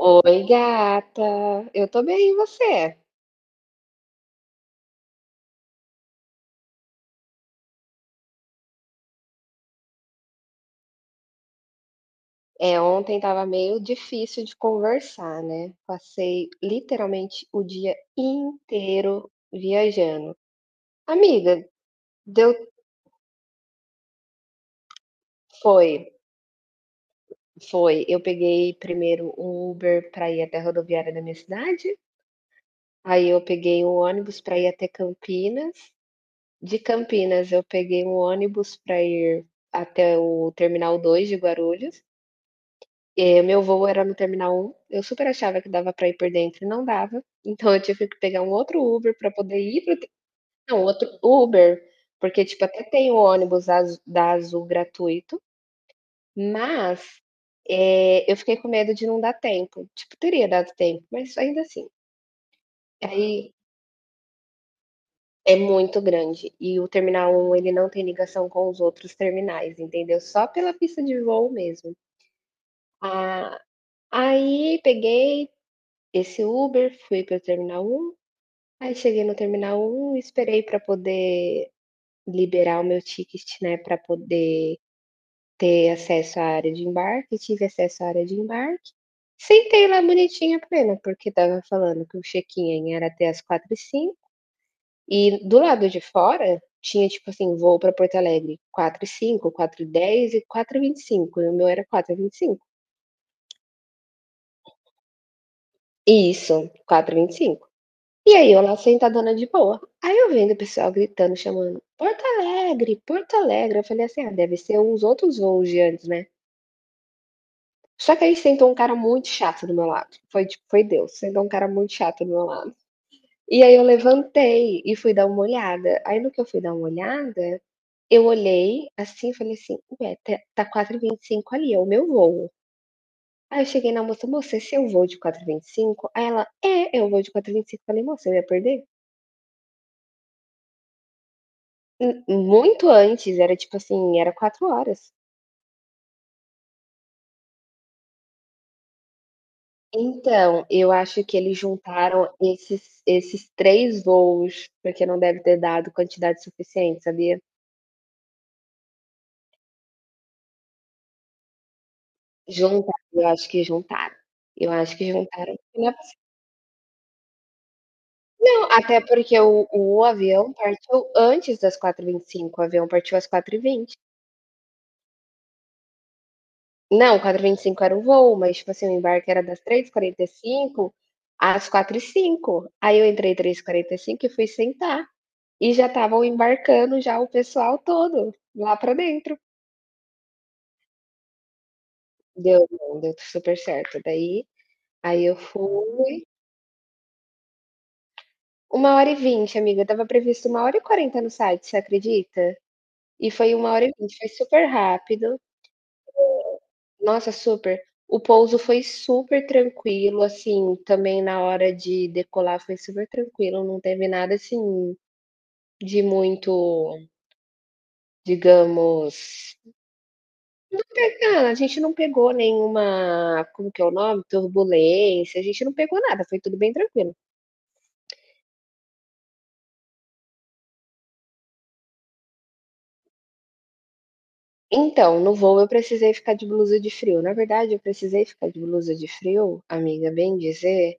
Oi, gata. Eu tô bem, e você? Ontem tava meio difícil de conversar, né? Passei literalmente o dia inteiro viajando. Amiga, deu foi, foi. Eu peguei primeiro um Uber pra ir até a rodoviária da minha cidade, aí eu peguei um ônibus pra ir até Campinas. De Campinas eu peguei um ônibus pra ir até o Terminal 2 de Guarulhos. Meu voo era no terminal um, eu super achava que dava para ir por dentro e não dava, então eu tive que pegar um outro Uber para poder ir para não, outro Uber, porque, tipo, até tem o ônibus azu da Azul gratuito, mas, eu fiquei com medo de não dar tempo, tipo, teria dado tempo, mas ainda assim, aí é muito grande e o terminal um ele não tem ligação com os outros terminais, entendeu, só pela pista de voo mesmo. Ah, Aí peguei esse Uber, fui para o terminal um. Aí cheguei no terminal 1, esperei para poder liberar o meu ticket, né, para poder ter acesso à área de embarque, tive acesso à área de embarque, sentei lá bonitinha plena, porque estava falando que o check-in era até as 4h05, e do lado de fora tinha, tipo assim, voo para Porto Alegre 4h05, 4h10 e 4h25. E o meu era 4h25. Isso, 4h25. E aí eu lá sentadona de boa. Aí eu vendo o pessoal gritando, chamando: "Porto Alegre, Porto Alegre". Eu falei assim: "Ah, deve ser uns outros voos de antes, né". Só que aí sentou um cara muito chato do meu lado, foi tipo foi Deus, sentou um cara muito chato do meu lado. E aí eu levantei e fui dar uma olhada. Aí no que eu fui dar uma olhada, eu olhei assim e falei assim: "Ué, tá 4h25 ali, é o meu voo". Aí eu cheguei na moça: "Moça, esse é o voo de 4h25?" Aí ela: "É, é o voo de 4h25". Falei: "Moça, eu ia perder?" Muito antes, era tipo assim, era 4 horas. Então, eu acho que eles juntaram esses 3 voos, porque não deve ter dado quantidade suficiente, sabia? Juntaram, eu acho que juntaram. Eu acho que juntaram. Não é possi, não, até porque o avião partiu antes das 4h25, o avião partiu às 4h20. Não, 4h25 era o voo, mas tipo assim, o embarque era das 3h45 às 4h05. Aí eu entrei 3h45 e fui sentar. E já estavam embarcando já o pessoal todo lá pra dentro. Deu bom, deu super certo. Daí, aí eu fui 1h20, amiga. Tava previsto 1h40 no site, você acredita? E foi 1h20, foi super rápido. Nossa, super. O pouso foi super tranquilo, assim, também na hora de decolar foi super tranquilo, não teve nada, assim, de muito, digamos. Cara, a gente não pegou nenhuma, como que é o nome? Turbulência, a gente não pegou nada, foi tudo bem tranquilo. Então, no voo eu precisei ficar de blusa de frio. Na verdade, eu precisei ficar de blusa de frio, amiga, bem dizer,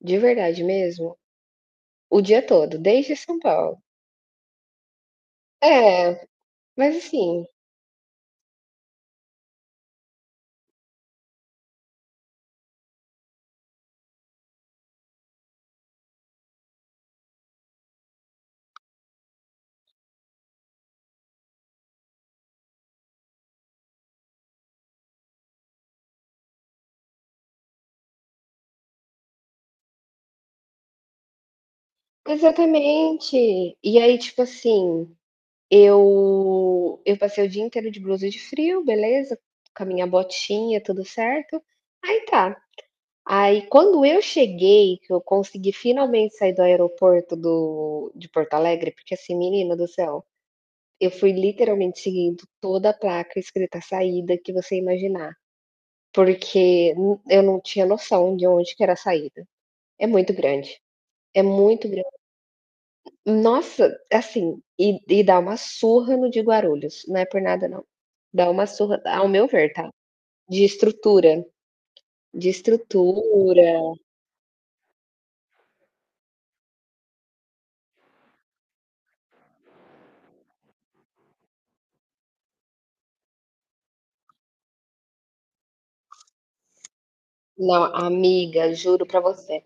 de verdade mesmo, o dia todo, desde São Paulo. É, mas assim, exatamente. E aí, tipo assim, eu eu passei o dia inteiro de blusa de frio, beleza, com a minha botinha, tudo certo. Aí tá, aí, quando eu cheguei, que eu consegui finalmente sair do aeroporto do de Porto Alegre, porque assim, menina do céu, eu fui literalmente seguindo toda a placa escrita saída que você imaginar, porque n eu não tinha noção de onde que era a saída. É muito grande, é muito grande. Nossa, assim, e dá uma surra no de Guarulhos, não é por nada não. Dá uma surra, ao meu ver, tá, de estrutura, de estrutura. Não, amiga, juro pra você.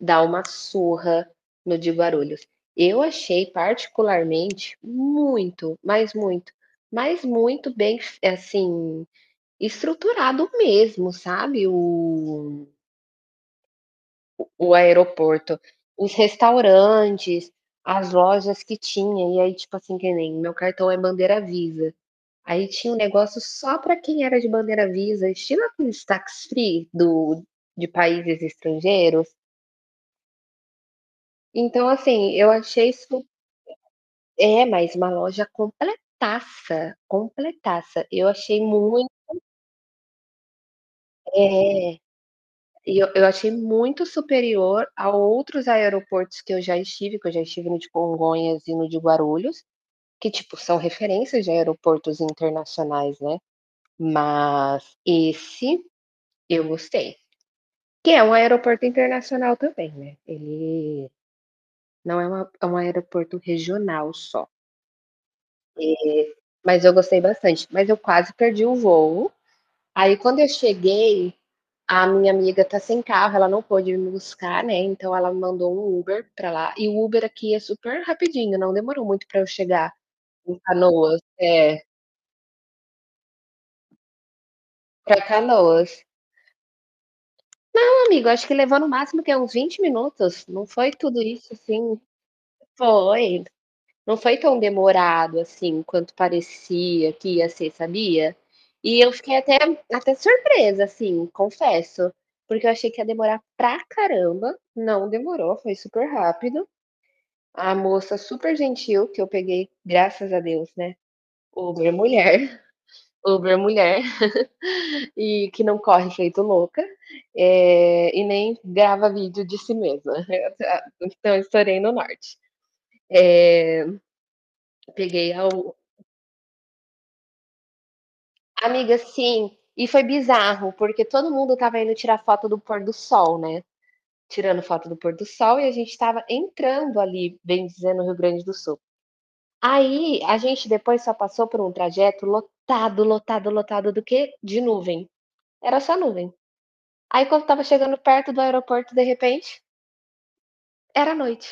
Dar uma surra no de Guarulhos. Eu achei particularmente muito, mas muito, mas muito bem, assim, estruturado mesmo, sabe? O aeroporto, os restaurantes, as lojas que tinha, e aí, tipo assim, que nem meu cartão é bandeira Visa. Aí tinha um negócio só para quem era de bandeira Visa, estilo aqueles tax free do, de países estrangeiros. Então, assim, eu achei isso. É, mas uma loja completaça, completaça. Eu achei muito, é, e eu achei muito superior a outros aeroportos que eu já estive, que eu já estive no de Congonhas e no de Guarulhos, que, tipo, são referências de aeroportos internacionais, né. Mas esse eu gostei, que é um aeroporto internacional também, né, ele não é uma é um aeroporto regional só, mas eu gostei bastante. Mas eu quase perdi o voo. Aí quando eu cheguei, a minha amiga tá sem carro, ela não pôde me buscar, né, então ela mandou um Uber pra lá, e o Uber aqui é super rapidinho, não demorou muito pra eu chegar em Canoas. É, pra Canoas. Não, amigo, acho que levou no máximo que uns 20 minutos, não foi tudo isso, assim. Foi. Não foi tão demorado, assim, quanto parecia que ia ser, sabia? E eu fiquei até até surpresa, assim, confesso, porque eu achei que ia demorar pra caramba, não demorou, foi super rápido. A moça super gentil, que eu peguei, graças a Deus, né, Uber mulher, Uber mulher, e que não corre feito louca, e nem grava vídeo de si mesma. Então estourei no norte. Eh, Peguei a u amiga, sim. E foi bizarro, porque todo mundo estava indo tirar foto do pôr do sol, né? Tirando foto do pôr do sol e a gente estava entrando ali, bem dizendo, no Rio Grande do Sul. Aí a gente depois só passou por um trajeto lotado, lotado, lotado do quê? De nuvem. Era só nuvem. Aí quando tava chegando perto do aeroporto, de repente, era noite.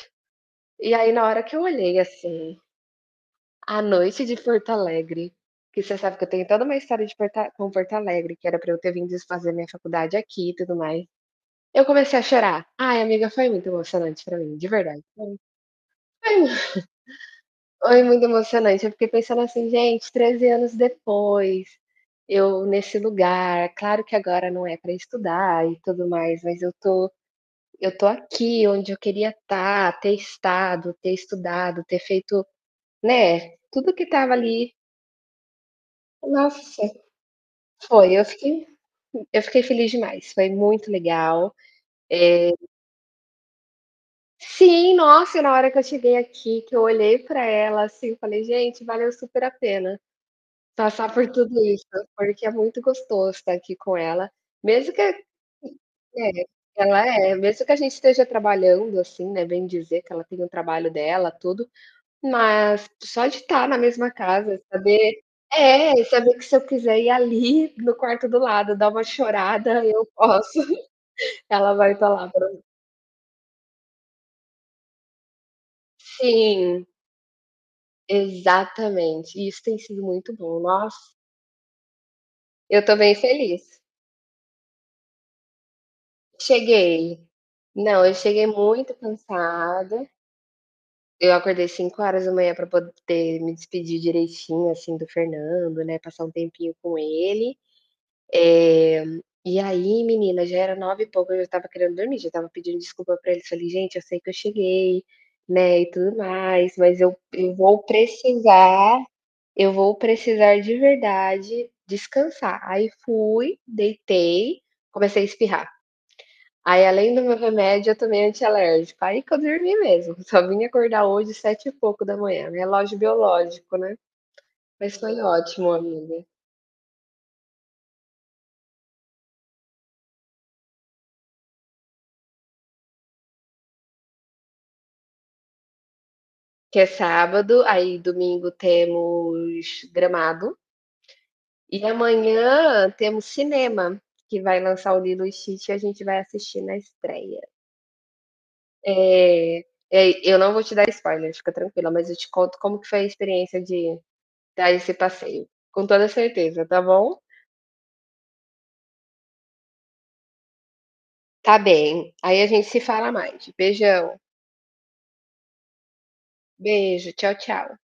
E aí na hora que eu olhei assim, a noite de Porto Alegre, que você sabe que eu tenho toda uma história de Porta- com Porto Alegre, que era pra eu ter vindo fazer minha faculdade aqui e tudo mais. Eu comecei a chorar. Ai, amiga, foi muito emocionante pra mim, de verdade. Foi mu, foi muito emocionante, eu fiquei pensando assim: "Gente, 13 anos depois, eu nesse lugar, claro que agora não é pra estudar e tudo mais, mas eu tô aqui onde eu queria estar, ter estado, ter estudado, ter feito", né, tudo que tava ali. Nossa, foi, eu fiquei feliz demais, foi muito legal. Eh Sim, nossa, e na hora que eu cheguei aqui, que eu olhei pra ela, assim, eu falei: "Gente, valeu super a pena passar por tudo isso", porque é muito gostoso estar aqui com ela, mesmo que é, ela é, mesmo que a gente esteja trabalhando, assim, né, bem dizer que ela tem o trabalho dela, tudo, mas só de estar na mesma casa, saber é, saber que se eu quiser ir ali no quarto do lado, dar uma chorada, eu posso, ela vai estar lá pra sim. Exatamente, e isso tem sido muito bom. Nossa, eu tô bem feliz. Cheguei. Não, eu cheguei muito cansada, eu acordei 5 horas da manhã para poder me despedir direitinho, assim, do Fernando, né, passar um tempinho com ele. E aí, menina, já era 9 e pouco, eu já estava querendo dormir, já estava pedindo desculpa pra eles, falei: "Gente, eu sei que eu cheguei, né, e tudo mais, mas eu vou precisar". Eu vou precisar de verdade descansar. Aí fui, deitei, comecei a espirrar. Aí, além do meu remédio, eu tomei antialérgico. Aí que eu dormi mesmo. Só vim acordar hoje sete e pouco da manhã. Relógio biológico, né? Mas foi ótimo, amiga. Que é sábado, aí domingo temos Gramado. E amanhã temos cinema, que vai lançar o Lilo e Stitch e a gente vai assistir na estreia. É, É, eu não vou te dar spoiler, fica tranquila, mas eu te conto como que foi a experiência de dar esse passeio. Com toda certeza, tá bom? Tá bem. Aí a gente se fala mais. Beijão. Beijo. Tchau, tchau.